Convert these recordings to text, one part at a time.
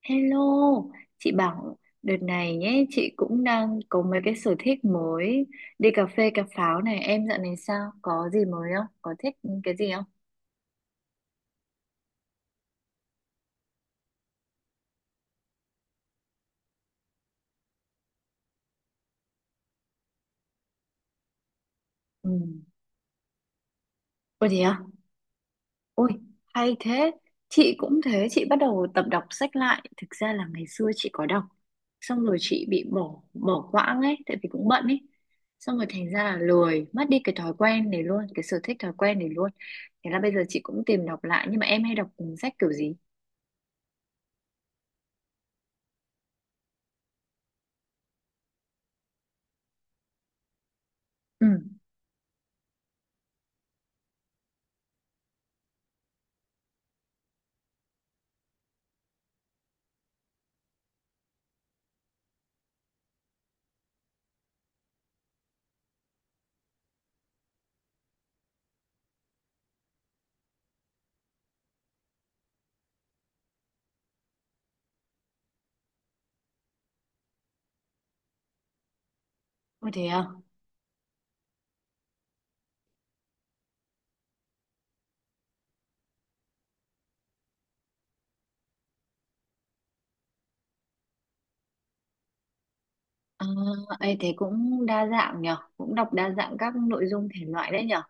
Hello, chị bảo đợt này nhé, chị cũng đang có mấy cái sở thích mới, đi cà phê cà pháo này, em dạo này sao? Có gì mới không? Có thích cái gì không? Ừ. Ôi thế à? Ôi, hay thế. Chị cũng thế, chị bắt đầu tập đọc sách lại. Thực ra là ngày xưa chị có đọc, xong rồi chị bị bỏ bỏ quãng ấy, tại vì cũng bận ấy. Xong rồi thành ra là lười, mất đi cái thói quen này luôn, cái sở thích thói quen này luôn. Thế là bây giờ chị cũng tìm đọc lại, nhưng mà em hay đọc sách kiểu gì? Ừ. Ôi thế à? À, ấy thế cũng đa dạng nhở, cũng đọc đa dạng các nội dung thể loại đấy nhở.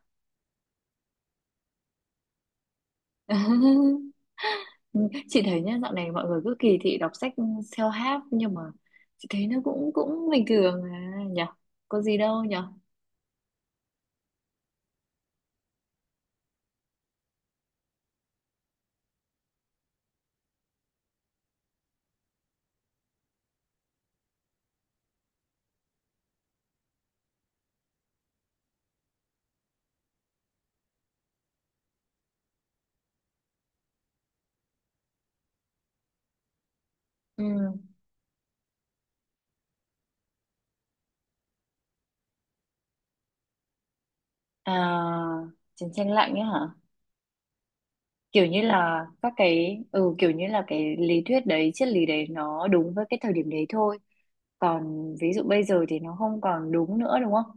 Chị thấy nhá, dạo này mọi người cứ kỳ thị đọc sách self-help nhưng mà chị thấy nó cũng cũng bình thường à nhở, có gì đâu nhở. Ừ. À, chiến tranh lạnh ấy hả? Kiểu như là các cái kiểu như là cái lý thuyết đấy, triết lý đấy nó đúng với cái thời điểm đấy thôi, còn ví dụ bây giờ thì nó không còn đúng nữa đúng không?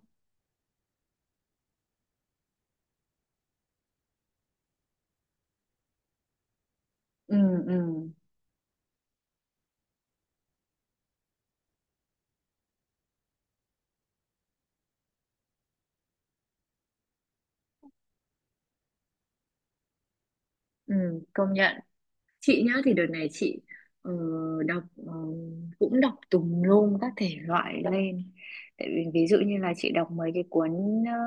Ừ, ừ, ừ. Công nhận. Chị nhá, thì đợt này chị ờ, đọc cũng đọc tùm lum các thể loại lên, tại vì ví dụ như là chị đọc mấy cái cuốn ờ,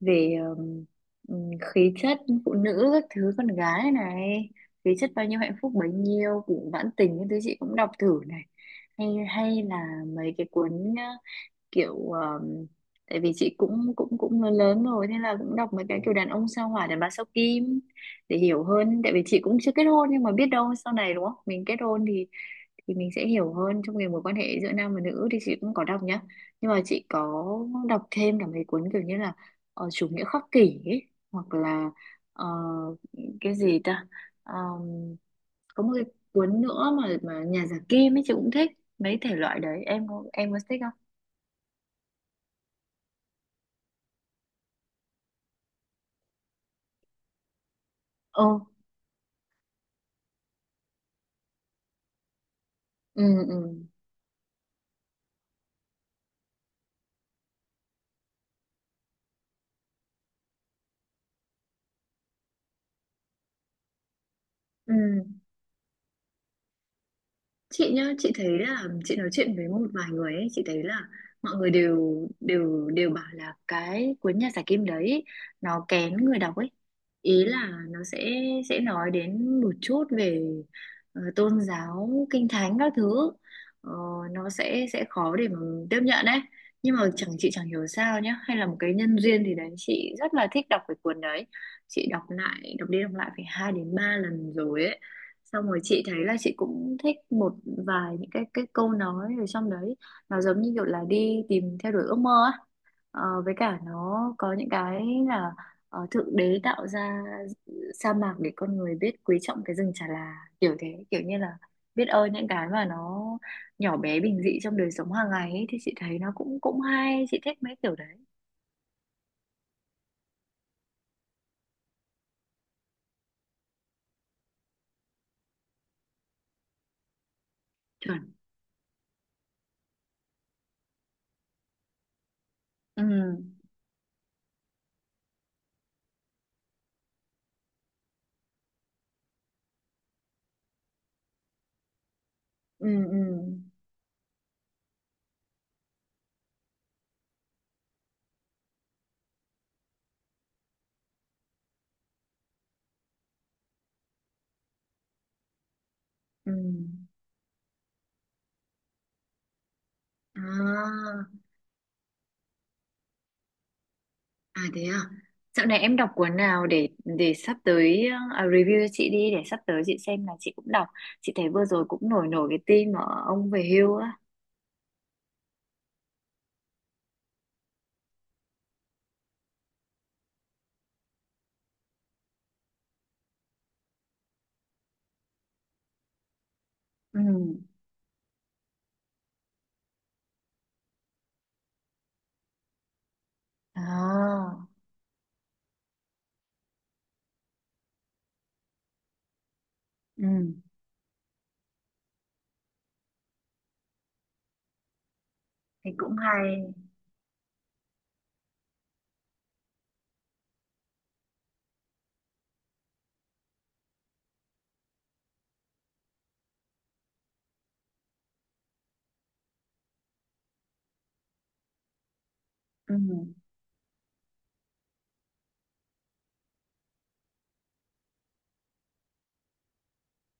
về khí chất phụ nữ các thứ, con gái này, khí chất bao nhiêu hạnh phúc bấy nhiêu, cũng vãn tình những thứ chị cũng đọc thử này, hay hay là mấy cái cuốn ờ, kiểu tại vì chị cũng cũng cũng lớn lớn rồi, thế là cũng đọc mấy cái kiểu đàn ông sao hỏa đàn bà sao kim để hiểu hơn, tại vì chị cũng chưa kết hôn nhưng mà biết đâu sau này đúng không, mình kết hôn thì mình sẽ hiểu hơn trong cái mối quan hệ giữa nam và nữ, thì chị cũng có đọc nhá. Nhưng mà chị có đọc thêm cả mấy cuốn kiểu như là chủ nghĩa khắc kỷ ấy, hoặc là ờ, cái gì ta, Ờm, có một cái cuốn nữa mà nhà giả kim ấy, chị cũng thích mấy thể loại đấy. Em có thích không? Ồ, ừ, ừ, ừ. Chị nhá, chị thấy là chị nói chuyện với một vài người ấy, chị thấy là mọi người đều đều đều bảo là cái cuốn nhà giải kim đấy nó kén người đọc ấy, ý là nó sẽ nói đến một chút về tôn giáo kinh thánh các thứ. Ờ, nó sẽ khó để mà tiếp nhận ấy. Nhưng mà chẳng chị chẳng hiểu sao nhá, hay là một cái nhân duyên thì đấy chị rất là thích đọc cái cuốn đấy. Chị đọc lại, đọc đi đọc lại phải 2 đến 3 lần rồi ấy. Xong rồi chị thấy là chị cũng thích một vài những cái câu nói ở trong đấy, nó giống như kiểu là đi tìm theo đuổi ước mơ á. Ờ, với cả nó có những cái là thượng đế tạo ra sa mạc để con người biết quý trọng cái rừng chà là, kiểu thế, kiểu như là biết ơn những cái mà nó nhỏ bé bình dị trong đời sống hàng ngày ấy, thì chị thấy nó cũng cũng hay, chị thích mấy kiểu đấy. Chuẩn. Ừ, ừ, ừ, ừ. À. À thế à? Dạo này em đọc cuốn nào để sắp tới review cho chị đi, để sắp tới chị xem là chị cũng đọc. Chị thấy vừa rồi cũng nổi nổi cái tin mà ông về hưu á. Ừ. À. Ừ. Thì cũng hay. Ừ.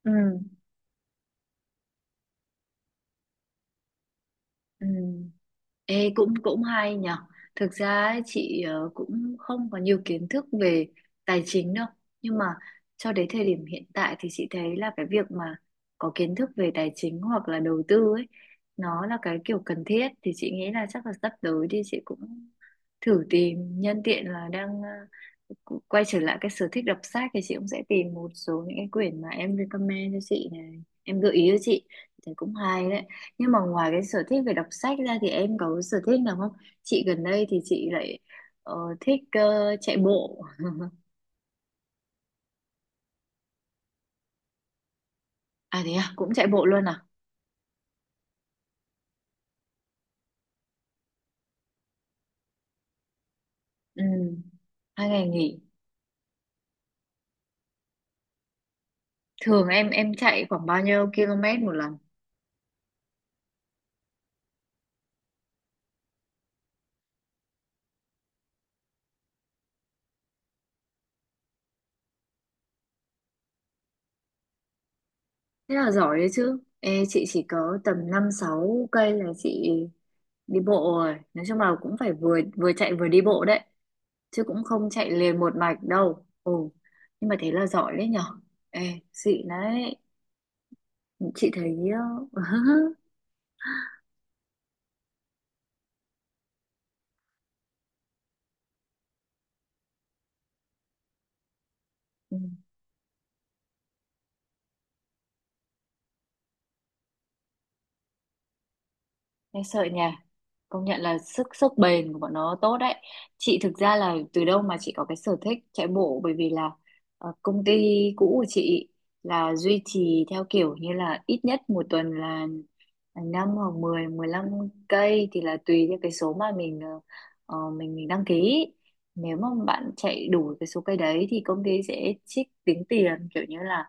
Ừ. Ừ. Ê, cũng cũng hay nhở. Thực ra ấy, chị cũng không có nhiều kiến thức về tài chính đâu. Nhưng mà cho đến thời điểm hiện tại thì chị thấy là cái việc mà có kiến thức về tài chính hoặc là đầu tư ấy, nó là cái kiểu cần thiết, thì chị nghĩ là chắc là sắp tới thì chị cũng thử tìm, nhân tiện là đang quay trở lại cái sở thích đọc sách thì chị cũng sẽ tìm một số những cái quyển mà em recommend cho chị này, em gợi ý cho chị thì cũng hay đấy. Nhưng mà ngoài cái sở thích về đọc sách ra thì em có cái sở thích nào không? Chị gần đây thì chị lại thích chạy bộ. À thế à, cũng chạy bộ luôn à? Ừ, hai ngày nghỉ. Thường em chạy khoảng bao nhiêu km một lần? Thế là giỏi đấy chứ. Ê, chị chỉ có tầm năm sáu cây là chị đi bộ rồi. Nói chung là cũng phải vừa vừa chạy vừa đi bộ đấy. Chứ cũng không chạy liền một mạch đâu. Ồ, nhưng mà thế là giỏi đấy nhở. Ê, xịn đấy. Chị thấy... Ừ. Nghe sợ nha. Công nhận là sức sức bền của bọn nó tốt đấy. Chị thực ra là từ đâu mà chị có cái sở thích chạy bộ, bởi vì là công ty cũ của chị là duy trì theo kiểu như là ít nhất một tuần là 5 hoặc mười mười lăm cây, thì là tùy theo cái số mà mình mình đăng ký. Nếu mà bạn chạy đủ cái số cây đấy thì công ty sẽ trích tính tiền kiểu như là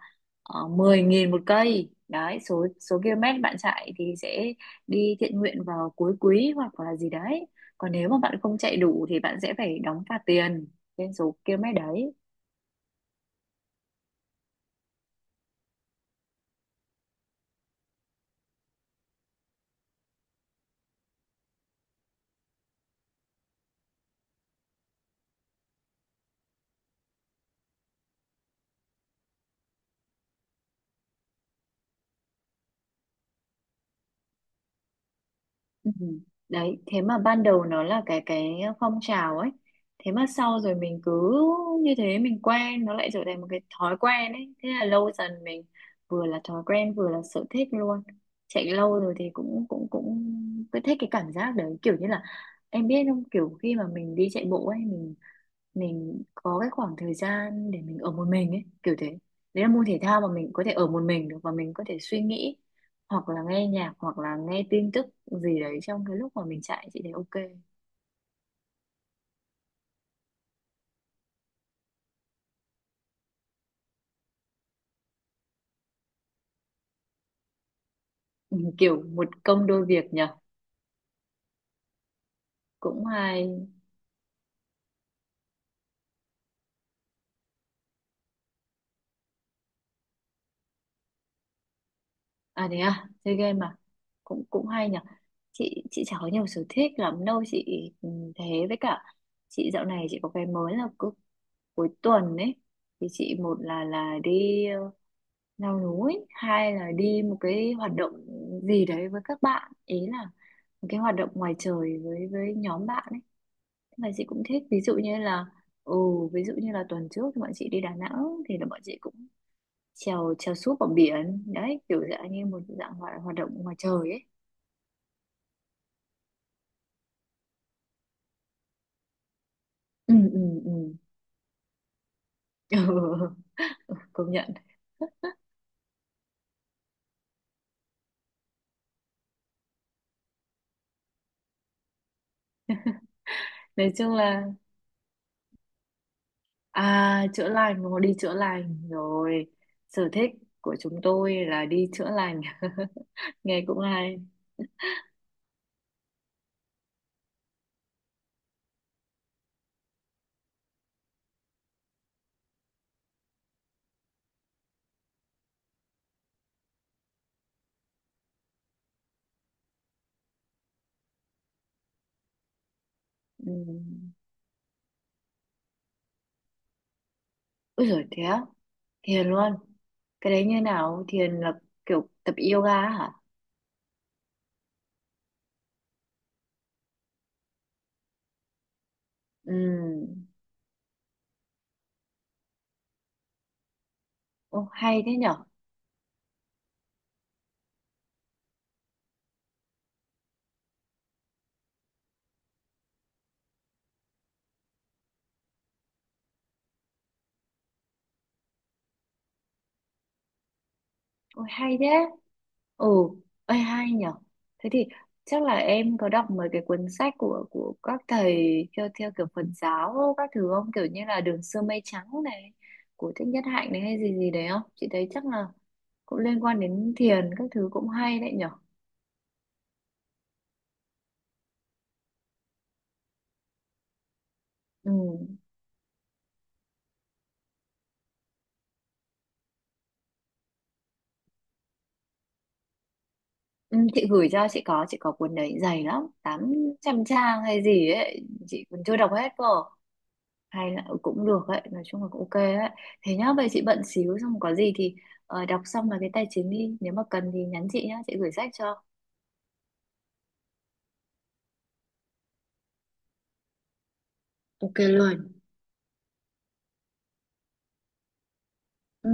10.000 một cây. Đấy, số số km bạn chạy thì sẽ đi thiện nguyện vào cuối quý hoặc là gì đấy, còn nếu mà bạn không chạy đủ thì bạn sẽ phải đóng phạt tiền trên số km đấy. Ừ. Đấy, thế mà ban đầu nó là cái phong trào ấy. Thế mà sau rồi mình cứ như thế mình quen, nó lại trở thành một cái thói quen ấy. Thế là lâu dần mình vừa là thói quen vừa là sở thích luôn. Chạy lâu rồi thì cũng cũng cũng cứ thích cái cảm giác đấy, kiểu như là em biết không, kiểu khi mà mình đi chạy bộ ấy, mình có cái khoảng thời gian để mình ở một mình ấy, kiểu thế. Đấy là môn thể thao mà mình có thể ở một mình được và mình có thể suy nghĩ hoặc là nghe nhạc hoặc là nghe tin tức gì đấy trong cái lúc mà mình chạy, chị thấy ok. Ừ, kiểu một công đôi việc nhở, cũng hay. À thế à, chơi game mà, cũng cũng hay nhở. Chị chả có nhiều sở thích lắm đâu chị. Ừ, thế với cả chị dạo này chị có cái mới là cứ cuối tuần ấy, thì chị một là đi leo núi, hai là đi một cái hoạt động gì đấy với các bạn, ý là một cái hoạt động ngoài trời với nhóm bạn ấy. Thế là chị cũng thích ví dụ như là ừ, ví dụ như là tuần trước thì bọn chị đi Đà Nẵng, thì là bọn chị cũng trèo trèo súp ở biển đấy, kiểu dạng như một dạng hoạt động ngoài trời ấy. Ừ, ừ, ừ. Ừ, công nhận. Nói chung là, à, chữa lành mà, đi chữa lành rồi, sở thích của chúng tôi là đi chữa lành. Nghe cũng hay. Ừ. Úi giời thế á, thiền luôn? Cái đấy như nào, thiền là kiểu tập yoga á hả? Ừ. Ô hay thế nhở. Ôi hay thế. Ừ. Ơi hay nhở. Thế thì chắc là em có đọc mấy cái cuốn sách của các thầy theo theo kiểu Phật giáo các thứ không, kiểu như là Đường Xưa Mây Trắng này của Thích Nhất Hạnh này hay gì gì đấy không, chị thấy chắc là cũng liên quan đến thiền các thứ, cũng hay đấy nhở. Ừ. Ừ, chị gửi cho chị có cuốn đấy dày lắm, 800 trang hay gì ấy, chị còn chưa đọc hết cơ, hay là cũng được ấy, nói chung là cũng ok ấy. Thế nhá, vậy chị bận xíu, xong có gì thì đọc xong là cái tài chính đi, nếu mà cần thì nhắn chị nhá, chị gửi sách cho. Ok luôn. Ừ.